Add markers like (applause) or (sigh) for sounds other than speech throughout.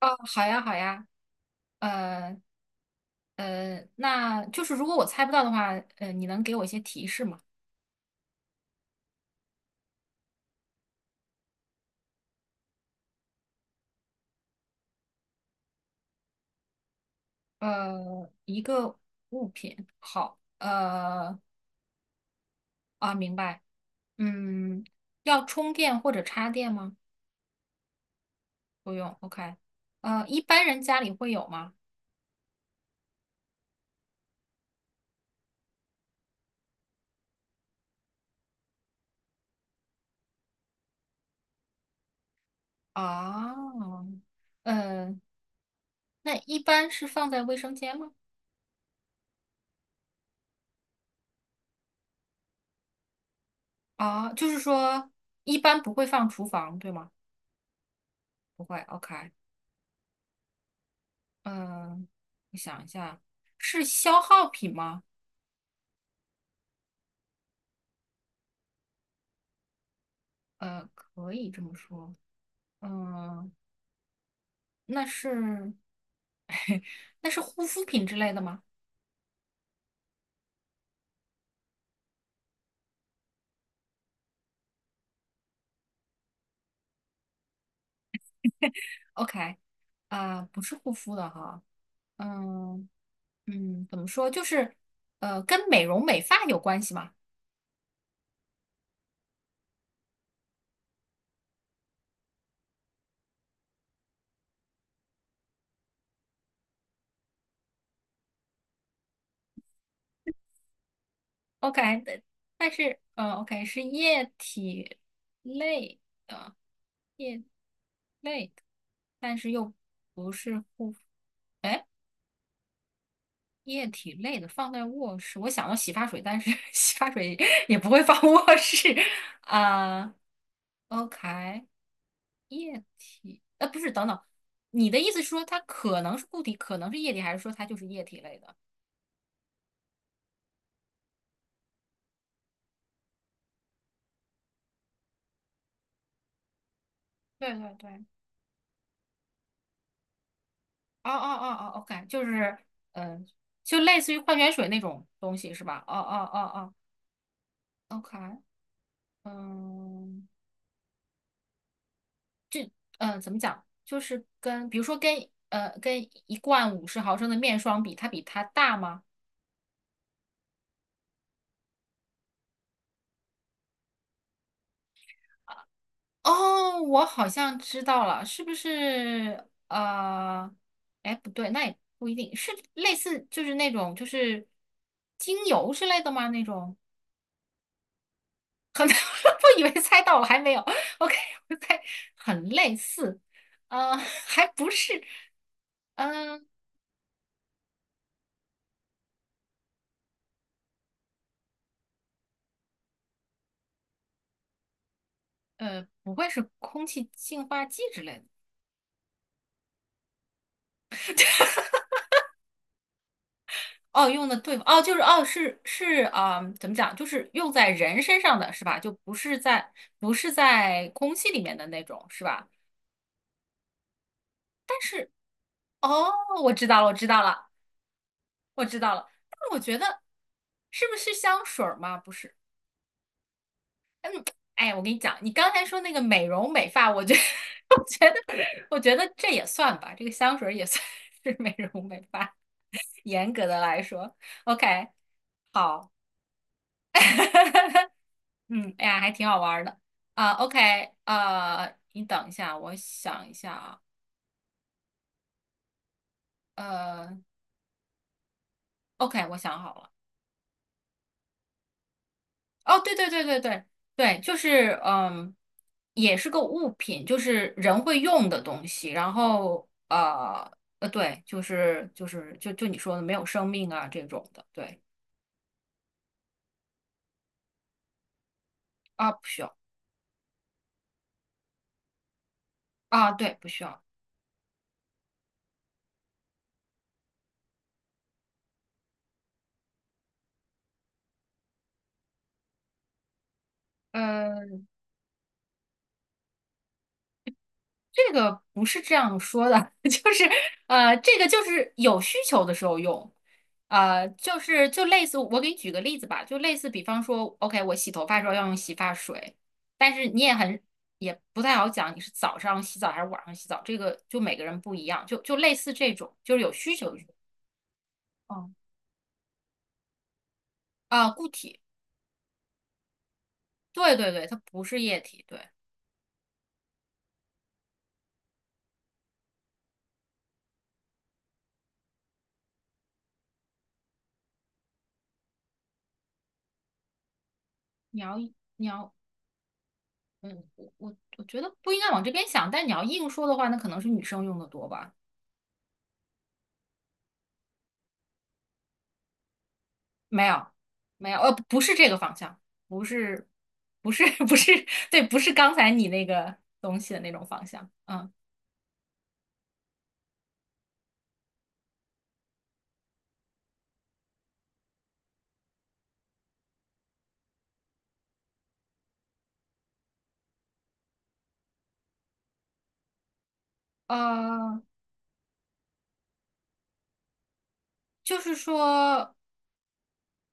哦，好呀，好呀，呃那就是如果我猜不到的话，你能给我一些提示吗？一个物品，好。明白。嗯，要充电或者插电吗？不用，OK。一般人家里会有吗？啊。呃，那一般是放在卫生间吗？啊，就是说一般不会放厨房，对吗？不会，OK。嗯，我想一下，是消耗品吗？可以这么说。嗯，那是 (laughs) 那是护肤品之类的吗？OK。啊，不是护肤的哈。嗯嗯，怎么说？就是，跟美容美发有关系吗？OK。但是，OK 是液体类的液类的，但是又不是护肤。液体类的放在卧室，我想到洗发水，但是 (laughs) 洗发水也不会放卧室啊。OK，液体，不是，等等，你的意思是说它可能是固体，可能是液体，还是说它就是液体类的？对对对，哦哦哦哦，OK。就是嗯、呃就类似于矿泉水那种东西是吧？哦哦哦哦，OK。嗯嗯，怎么讲？就是跟比如说跟一罐50毫升的面霜比，它比它大吗？哦，我好像知道了，是不是？哎，不对，那也不一定是类似，就是那种就是精油之类的吗？那种可能 (laughs) 我以为猜到了，还没有。OK，(laughs) 我猜很类似，还不是。嗯不会是空气净化器之类的？(laughs) 哦，用的对付哦，就是哦，是是啊，怎么讲？就是用在人身上的是吧？就不是在空气里面的那种是吧？但是。哦，我知道了，我知道了，我知道了。但我觉得是不是香水儿吗？不是。哎，我跟你讲，你刚才说那个美容美发，我觉得 (laughs) 我觉得我觉得这也算吧，这个香水儿也算是美容美发，严格的来说。OK，好。(laughs) 嗯，哎呀，还挺好玩儿的啊。OK。你等一下，我想一下啊。呃，OK，我想好了。哦，对对对对对对。就是，也是个物品，就是人会用的东西。然后对，就是你说的没有生命啊这种的，对。啊，不需要。啊，对，不需要。呃这个不是这样说的，(laughs) 就是，这个就是有需求的时候用。就是就类似我给你举个例子吧，就类似比方说，OK，我洗头发的时候要用洗发水。但是你也很也不太好讲你是早上洗澡还是晚上洗澡，这个就每个人不一样，就类似这种，就是有需求的时候。哦。啊，固体，对对对，它不是液体，对。你要你要，嗯，我觉得不应该往这边想，但你要硬说的话，那可能是女生用的多吧。没有，没有，不是这个方向，不是，不是，(laughs) 不是，对，不是刚才你那个东西的那种方向。嗯。呃，就是说，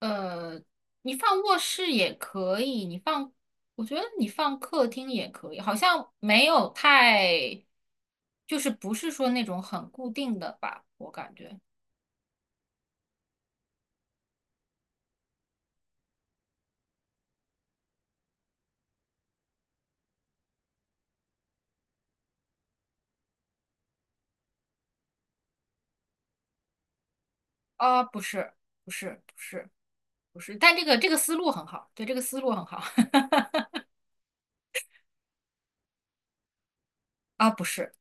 呃，你放卧室也可以，你放，我觉得你放客厅也可以，好像没有太，就是不是说那种很固定的吧，我感觉。啊，不是，不是，不是，不是，但这个思路很好，对，这个思路很好。(laughs) 啊，不是。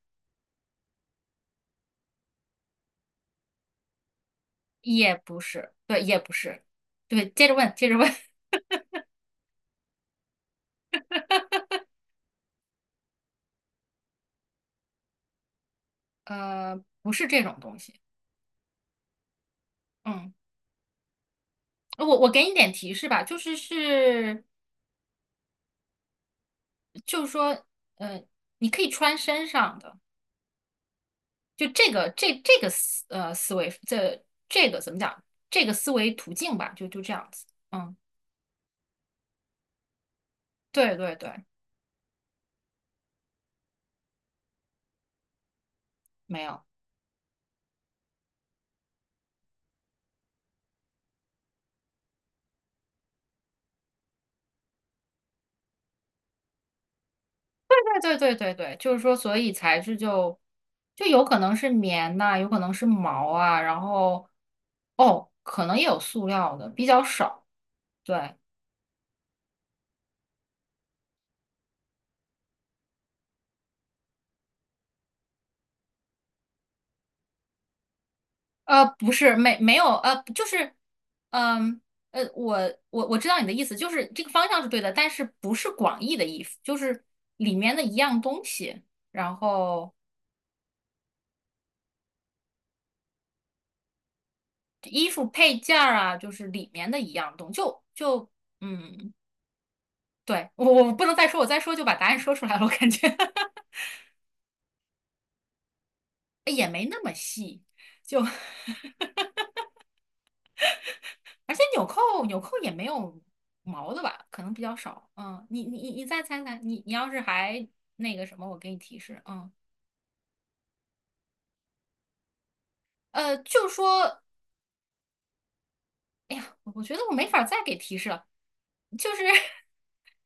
也不是，对，也不是，对，接着问，接着问。(laughs) 不是这种东西。嗯，我给你点提示吧。就是说，呃，你可以穿身上的。就这个思维，这个怎么讲，这个思维途径吧，就这样子。嗯。对对对。没有。对对对对对，就是说，所以材质就有可能是棉呐、有可能是毛啊，然后哦，可能也有塑料的，比较少。对。不是，没有，就是，嗯，呃，我我知道你的意思，就是这个方向是对的，但是不是广义的衣服，就是里面的一样东西，然后衣服配件儿啊，就是里面的一样东就就嗯，对，我不能再说，我再说就把答案说出来了，我感觉 (laughs) 也没那么细，就 (laughs) 而且纽扣也没有毛的吧，可能比较少。嗯，你再猜猜，你要是还那个什么，我给你提示。嗯。就说，哎呀，我觉得我没法再给提示了，就是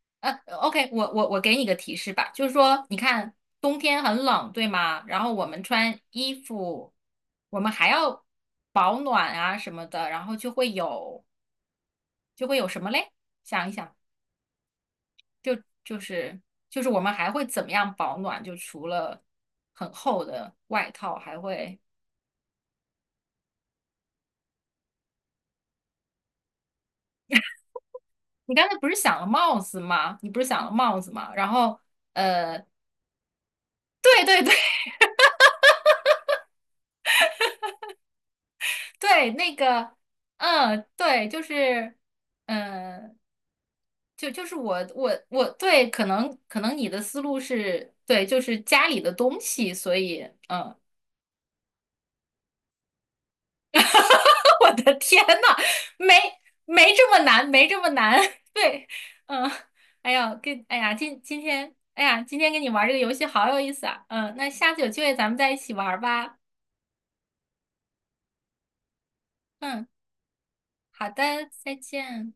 (laughs) 呃，OK，我给你个提示吧。就是说，你看冬天很冷，对吗？然后我们穿衣服，我们还要保暖啊什么的，然后就会有什么嘞？想一想。就就是就是我们还会怎么样保暖？就除了很厚的外套，还会你刚才不是想了帽子吗？你不是想了帽子吗？然后呃，对对对 (laughs) 对，那个嗯，对，就是嗯。就是我对，可能你的思路是对，就是家里的东西，所以嗯。(laughs) 我的天呐，没没这么难，没这么难。(laughs) 对。嗯，哎呀，跟哎呀，今今天，哎呀，今天跟你玩这个游戏好有意思啊。嗯，那下次有机会咱们再一起玩吧。嗯，好的，再见。